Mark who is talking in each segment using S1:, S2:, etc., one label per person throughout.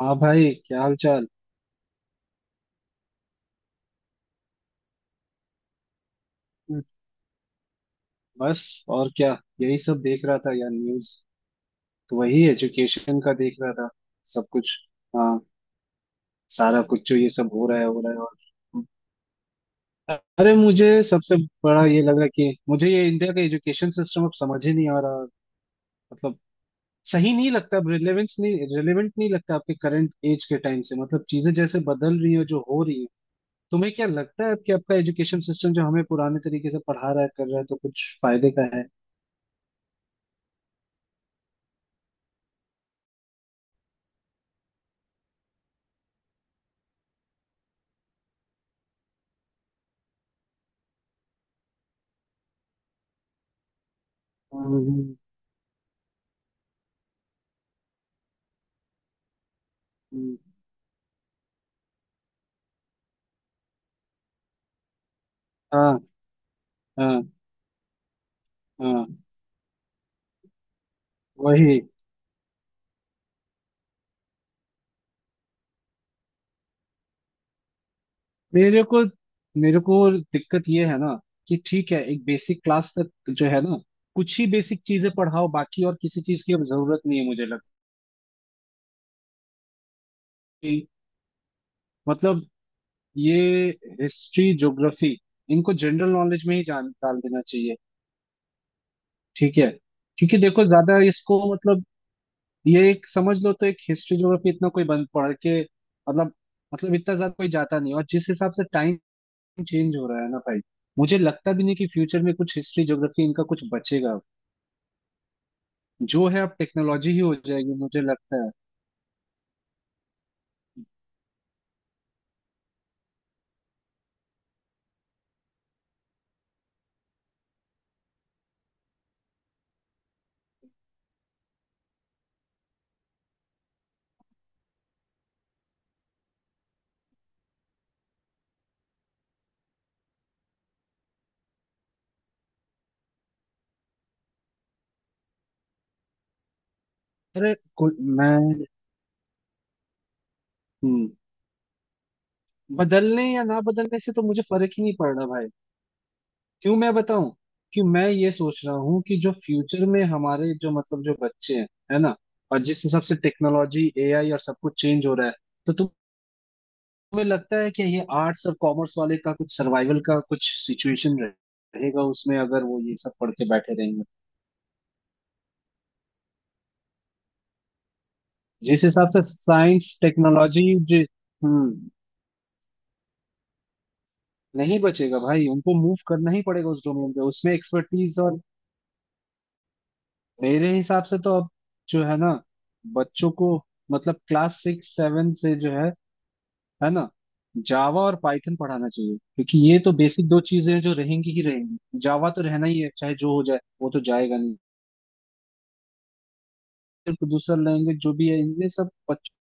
S1: हाँ भाई, क्या हाल चाल। बस और क्या, यही सब देख रहा था यार, न्यूज। तो वही एजुकेशन का देख रहा था। सब कुछ। हाँ। सारा कुछ जो ये सब हो रहा है हो रहा है, और अरे, मुझे सबसे बड़ा ये लग रहा है कि मुझे ये इंडिया का एजुकेशन सिस्टम अब समझ ही नहीं आ रहा। मतलब सही नहीं लगता अब, रिलेवेंस नहीं रिलेवेंट नहीं लगता आपके करंट एज के टाइम से। मतलब चीजें जैसे बदल रही है, जो हो रही है। तुम्हें क्या लगता है कि आपका एजुकेशन सिस्टम जो हमें पुराने तरीके से पढ़ा रहा है कर रहा है, तो कुछ फायदे का है। हम्म, हाँ हाँ हाँ। वही। मेरे को मेरे को दिक्कत ये है ना, कि ठीक है, एक बेसिक क्लास तक जो है ना, कुछ ही बेसिक चीजें पढ़ाओ, बाकी और किसी चीज की अब जरूरत नहीं है मुझे लगता है कि मतलब ये हिस्ट्री ज्योग्राफी इनको जनरल नॉलेज में ही जान डाल देना चाहिए। ठीक है। क्योंकि देखो ज्यादा इसको मतलब, ये एक समझ लो तो एक हिस्ट्री ज्योग्राफी इतना कोई बंद पढ़ के मतलब, मतलब इतना ज्यादा कोई जाता नहीं, और जिस हिसाब से टाइम चेंज हो रहा है ना भाई, मुझे लगता भी नहीं कि फ्यूचर में कुछ हिस्ट्री ज्योग्राफी इनका कुछ बचेगा। जो है, अब टेक्नोलॉजी ही हो जाएगी मुझे लगता है। अरे मैं हम्म, बदलने या ना बदलने से तो मुझे फर्क ही नहीं पड़ रहा भाई। क्यों मैं बताऊं कि मैं ये सोच रहा हूँ कि जो फ्यूचर में हमारे जो मतलब जो बच्चे हैं है ना, और जिस हिसाब से टेक्नोलॉजी एआई और सब कुछ चेंज हो रहा है, तो तुम्हें लगता है कि ये आर्ट्स और कॉमर्स वाले का कुछ सर्वाइवल का कुछ सिचुएशन रहेगा उसमें, अगर वो ये सब पढ़ के बैठे रहेंगे। जिस हिसाब से साइंस टेक्नोलॉजी जि हम्म नहीं बचेगा भाई, उनको मूव करना ही पड़ेगा उस डोमेन पे, उसमें एक्सपर्टीज और। मेरे हिसाब से तो अब जो है ना, बच्चों को मतलब क्लास 6-7 से जो है ना, जावा और पाइथन पढ़ाना चाहिए, क्योंकि ये तो बेसिक दो चीजें हैं जो रहेंगी ही रहेंगी। जावा तो रहना ही है, चाहे जो हो जाए वो तो जाएगा नहीं। फिर तो दूसरा लैंग्वेज जो भी है इनमें सब बच्चों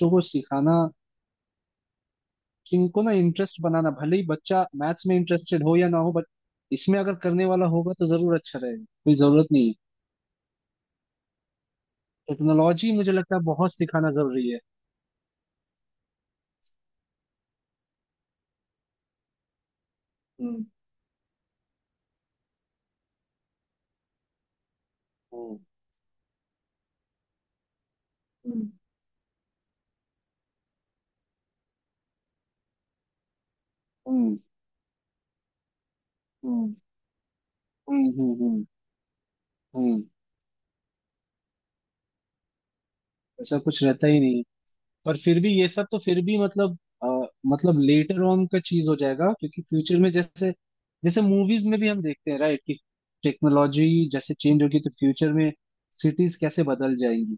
S1: को सिखाना, कि इनको ना इंटरेस्ट बनाना, भले ही बच्चा मैथ्स में इंटरेस्टेड हो या ना हो, बट इसमें अगर करने वाला होगा तो जरूर अच्छा रहेगा, कोई जरूरत नहीं है। टेक्नोलॉजी मुझे लगता है बहुत सिखाना जरूरी है। हम्म। हम्म। हम्म। हम्म। हम्म। हम्म। हम्म। हम्म। हम्म, ऐसा कुछ रहता ही नहीं है। पर फिर भी ये सब तो फिर भी मतलब अ, मतलब लेटर ऑन का चीज हो जाएगा, क्योंकि फ्यूचर में जैसे जैसे मूवीज में भी हम देखते हैं राइट, कि टेक्नोलॉजी जैसे चेंज होगी तो फ्यूचर में सिटीज कैसे बदल जाएंगी।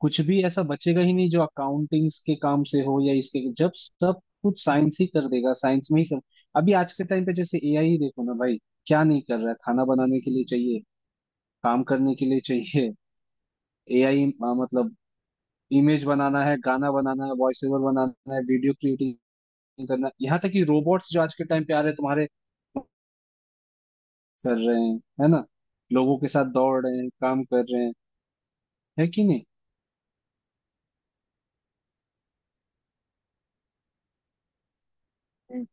S1: कुछ भी ऐसा बचेगा ही नहीं जो अकाउंटिंग्स के काम से हो या इसके, जब सब कुछ साइंस ही कर देगा, साइंस में ही सब। अभी आज के टाइम पे जैसे एआई ही देखो ना भाई, क्या नहीं कर रहा है। खाना बनाने के लिए चाहिए, काम करने के लिए चाहिए। एआई मतलब, इमेज बनाना है, गाना बनाना है, वॉइस ओवर बनाना है, वीडियो क्रिएटिंग करना है, यहाँ तक कि रोबोट्स जो आज के टाइम पे आ रहे हैं तुम्हारे, कर रहे हैं, है ना, लोगों के साथ दौड़ रहे हैं, काम कर रहे हैं, है कि नहीं। हम्म।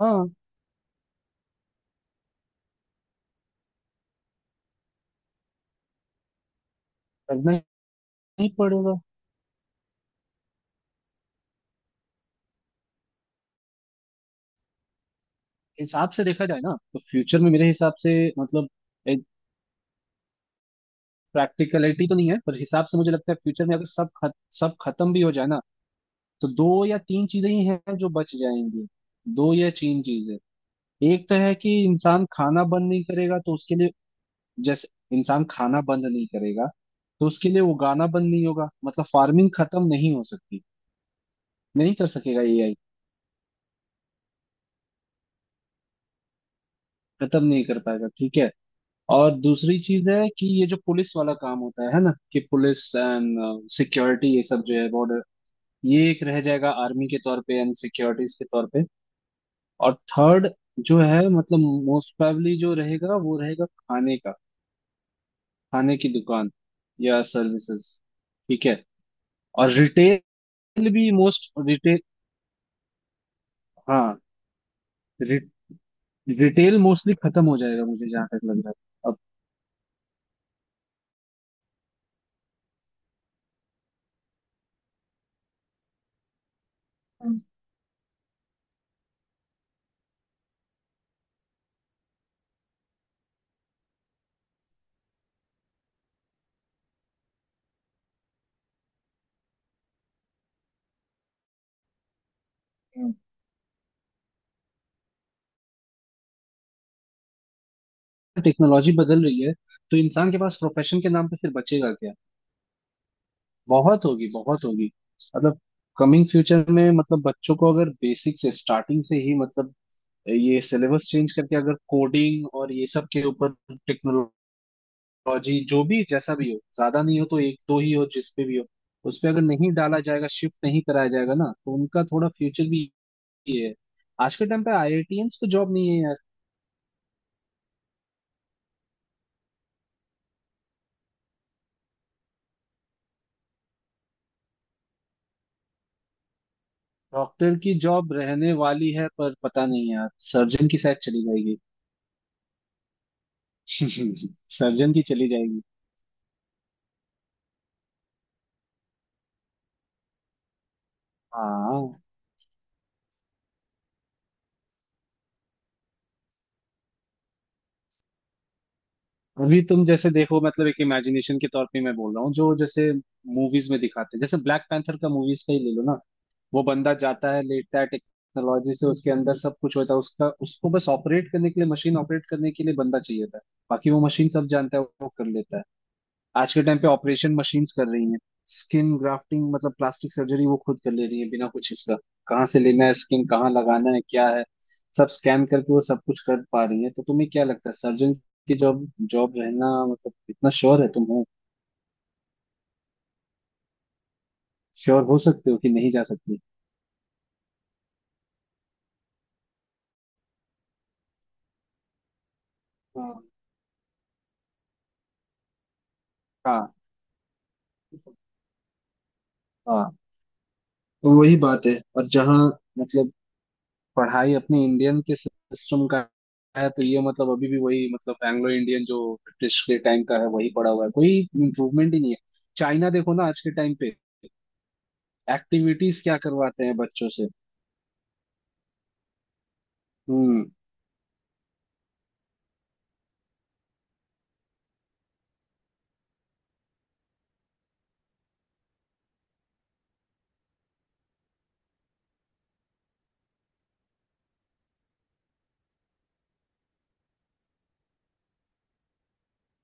S1: हाँ, करना ही पड़ेगा। हिसाब से देखा जाए ना, तो फ्यूचर में मेरे हिसाब से मतलब, प्रैक्टिकलिटी तो नहीं है पर हिसाब से मुझे लगता है फ्यूचर में अगर सब सब खत्म भी हो जाए ना, तो दो या तीन चीजें ही हैं जो बच जाएंगी। दो या तीन चीजें। एक तो है कि इंसान खाना बंद नहीं करेगा तो उसके लिए, जैसे, इंसान खाना बंद नहीं करेगा तो उसके लिए उगाना बंद नहीं होगा, मतलब फार्मिंग खत्म नहीं हो सकती। नहीं कर सकेगा एआई, खत्म नहीं कर पाएगा, ठीक है। और दूसरी चीज है कि ये जो पुलिस वाला काम होता है ना, कि पुलिस एंड सिक्योरिटी, ये सब जो है बॉर्डर, ये एक रह जाएगा आर्मी के तौर पे एंड सिक्योरिटीज के तौर पे। और थर्ड जो है मतलब, मोस्ट प्रोबेबली जो रहेगा वो रहेगा खाने का, खाने की दुकान या सर्विसेज, ठीक है। और रिटेल भी, मोस्ट रिटेल। हाँ, रिटेल मोस्टली खत्म हो जाएगा मुझे जहां तक लग रहा है अब। हम्म, हम्म। टेक्नोलॉजी बदल रही है, तो इंसान के पास प्रोफेशन के नाम पे फिर बचेगा क्या। बहुत होगी बहुत होगी, मतलब कमिंग फ्यूचर में, मतलब बच्चों को अगर बेसिक से स्टार्टिंग से ही मतलब ये सिलेबस चेंज करके अगर कोडिंग और ये सब के ऊपर टेक्नोलॉजी जो भी जैसा भी हो, ज्यादा नहीं हो तो एक दो ही हो, जिस पे भी हो उस पे अगर नहीं डाला जाएगा, शिफ्ट नहीं कराया जाएगा ना, तो उनका थोड़ा फ्यूचर भी ये है। आज के टाइम पे आईआईटियंस को जॉब नहीं है यार। डॉक्टर की जॉब रहने वाली है पर पता नहीं यार, सर्जन की शायद चली जाएगी। सर्जन की चली जाएगी। हाँ, अभी तुम जैसे देखो मतलब, एक इमेजिनेशन के तौर पे मैं बोल रहा हूँ जो जैसे मूवीज में दिखाते हैं, जैसे ब्लैक पैंथर का मूवीज का ही ले लो ना। वो बंदा जाता है, लेटता है, टेक्नोलॉजी से उसके अंदर सब कुछ होता है उसका, उसको बस ऑपरेट करने के लिए, मशीन ऑपरेट करने के लिए बंदा चाहिए था। बाकी वो मशीन सब जानता है, वो कर लेता है। आज के टाइम पे ऑपरेशन मशीन्स कर रही हैं, स्किन ग्राफ्टिंग मतलब प्लास्टिक सर्जरी वो खुद कर ले रही है बिना कुछ इसका, कहाँ से लेना है स्किन, कहाँ लगाना है, क्या है, सब स्कैन करके वो सब कुछ कर पा रही है। तो तुम्हें क्या लगता है सर्जन की जॉब जॉब रहना, मतलब इतना श्योर है तुम हो? श्योर हो सकते हो कि नहीं जा सकती? हाँ हाँ हाँ। तो वही बात है, और जहाँ मतलब पढ़ाई अपनी इंडियन के सिस्टम का है, तो ये मतलब अभी भी वही मतलब एंग्लो इंडियन जो ब्रिटिश के टाइम का है वही पड़ा हुआ है, कोई इम्प्रूवमेंट ही नहीं है। चाइना देखो ना आज के टाइम पे, एक्टिविटीज क्या करवाते हैं बच्चों से। हम्म।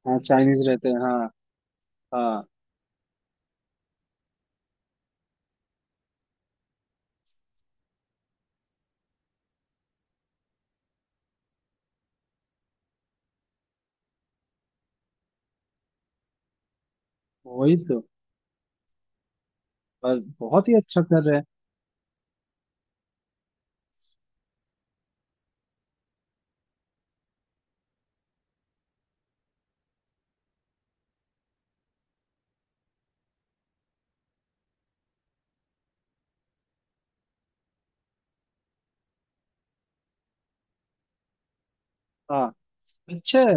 S1: हाँ, चाइनीज रहते हैं, हाँ। हाँ, वही तो। और बहुत ही अच्छा कर रहे हैं। हाँ, अच्छा है,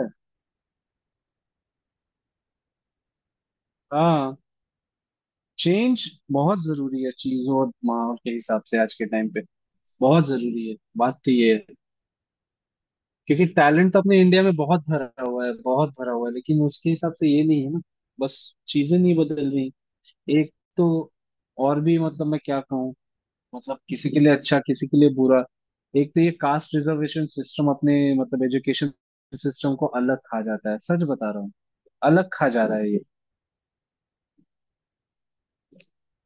S1: हाँ। चेंज बहुत जरूरी है चीजों और माहौल के हिसाब से आज के टाइम पे, बहुत जरूरी है, बात तो ये है। क्योंकि टैलेंट तो अपने इंडिया में बहुत भरा हुआ है बहुत भरा हुआ है, लेकिन उसके हिसाब से ये नहीं है ना। बस चीजें नहीं बदल रही। एक तो, और भी मतलब मैं क्या कहूँ, मतलब किसी के लिए अच्छा, किसी के लिए बुरा। एक तो ये कास्ट रिजर्वेशन सिस्टम अपने मतलब एजुकेशन सिस्टम को अलग खा जाता है, सच बता रहा हूँ। अलग खा जा रहा है ये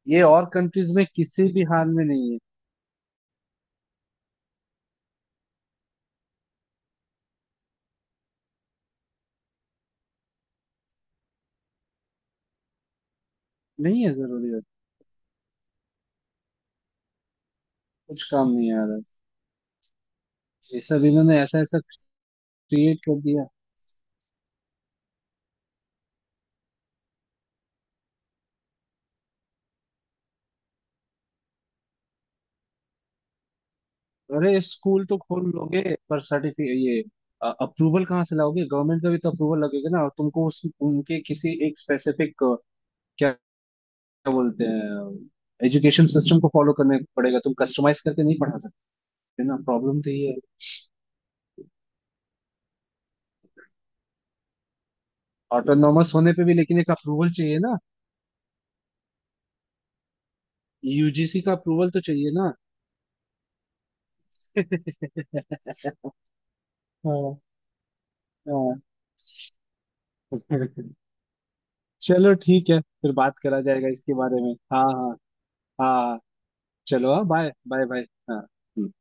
S1: ये और कंट्रीज में किसी भी हाल में नहीं है। नहीं है जरूरी है, कुछ काम नहीं आ रहा है। ये सब इन्होंने ऐसा ऐसा क्रिएट कर दिया। अरे स्कूल तो खोल लोगे पर सर्टिफिकेट, ये अप्रूवल कहाँ से लाओगे, गवर्नमेंट का भी तो अप्रूवल लगेगा ना, और तुमको उस उनके किसी एक स्पेसिफिक, क्या क्या बोलते हैं, एजुकेशन सिस्टम को फॉलो करने पड़ेगा, तुम कस्टमाइज करके नहीं पढ़ा सकते ना। प्रॉब्लम तो ये है। ऑटोनॉमस होने पे भी लेकिन एक अप्रूवल चाहिए ना, यूजीसी का अप्रूवल तो चाहिए ना। हाँ हाँ। चलो ठीक है, फिर बात करा जाएगा इसके बारे में, हाँ हाँ। हाँ चलो, हाँ बाय बाय बाय। हाँ। हम्म।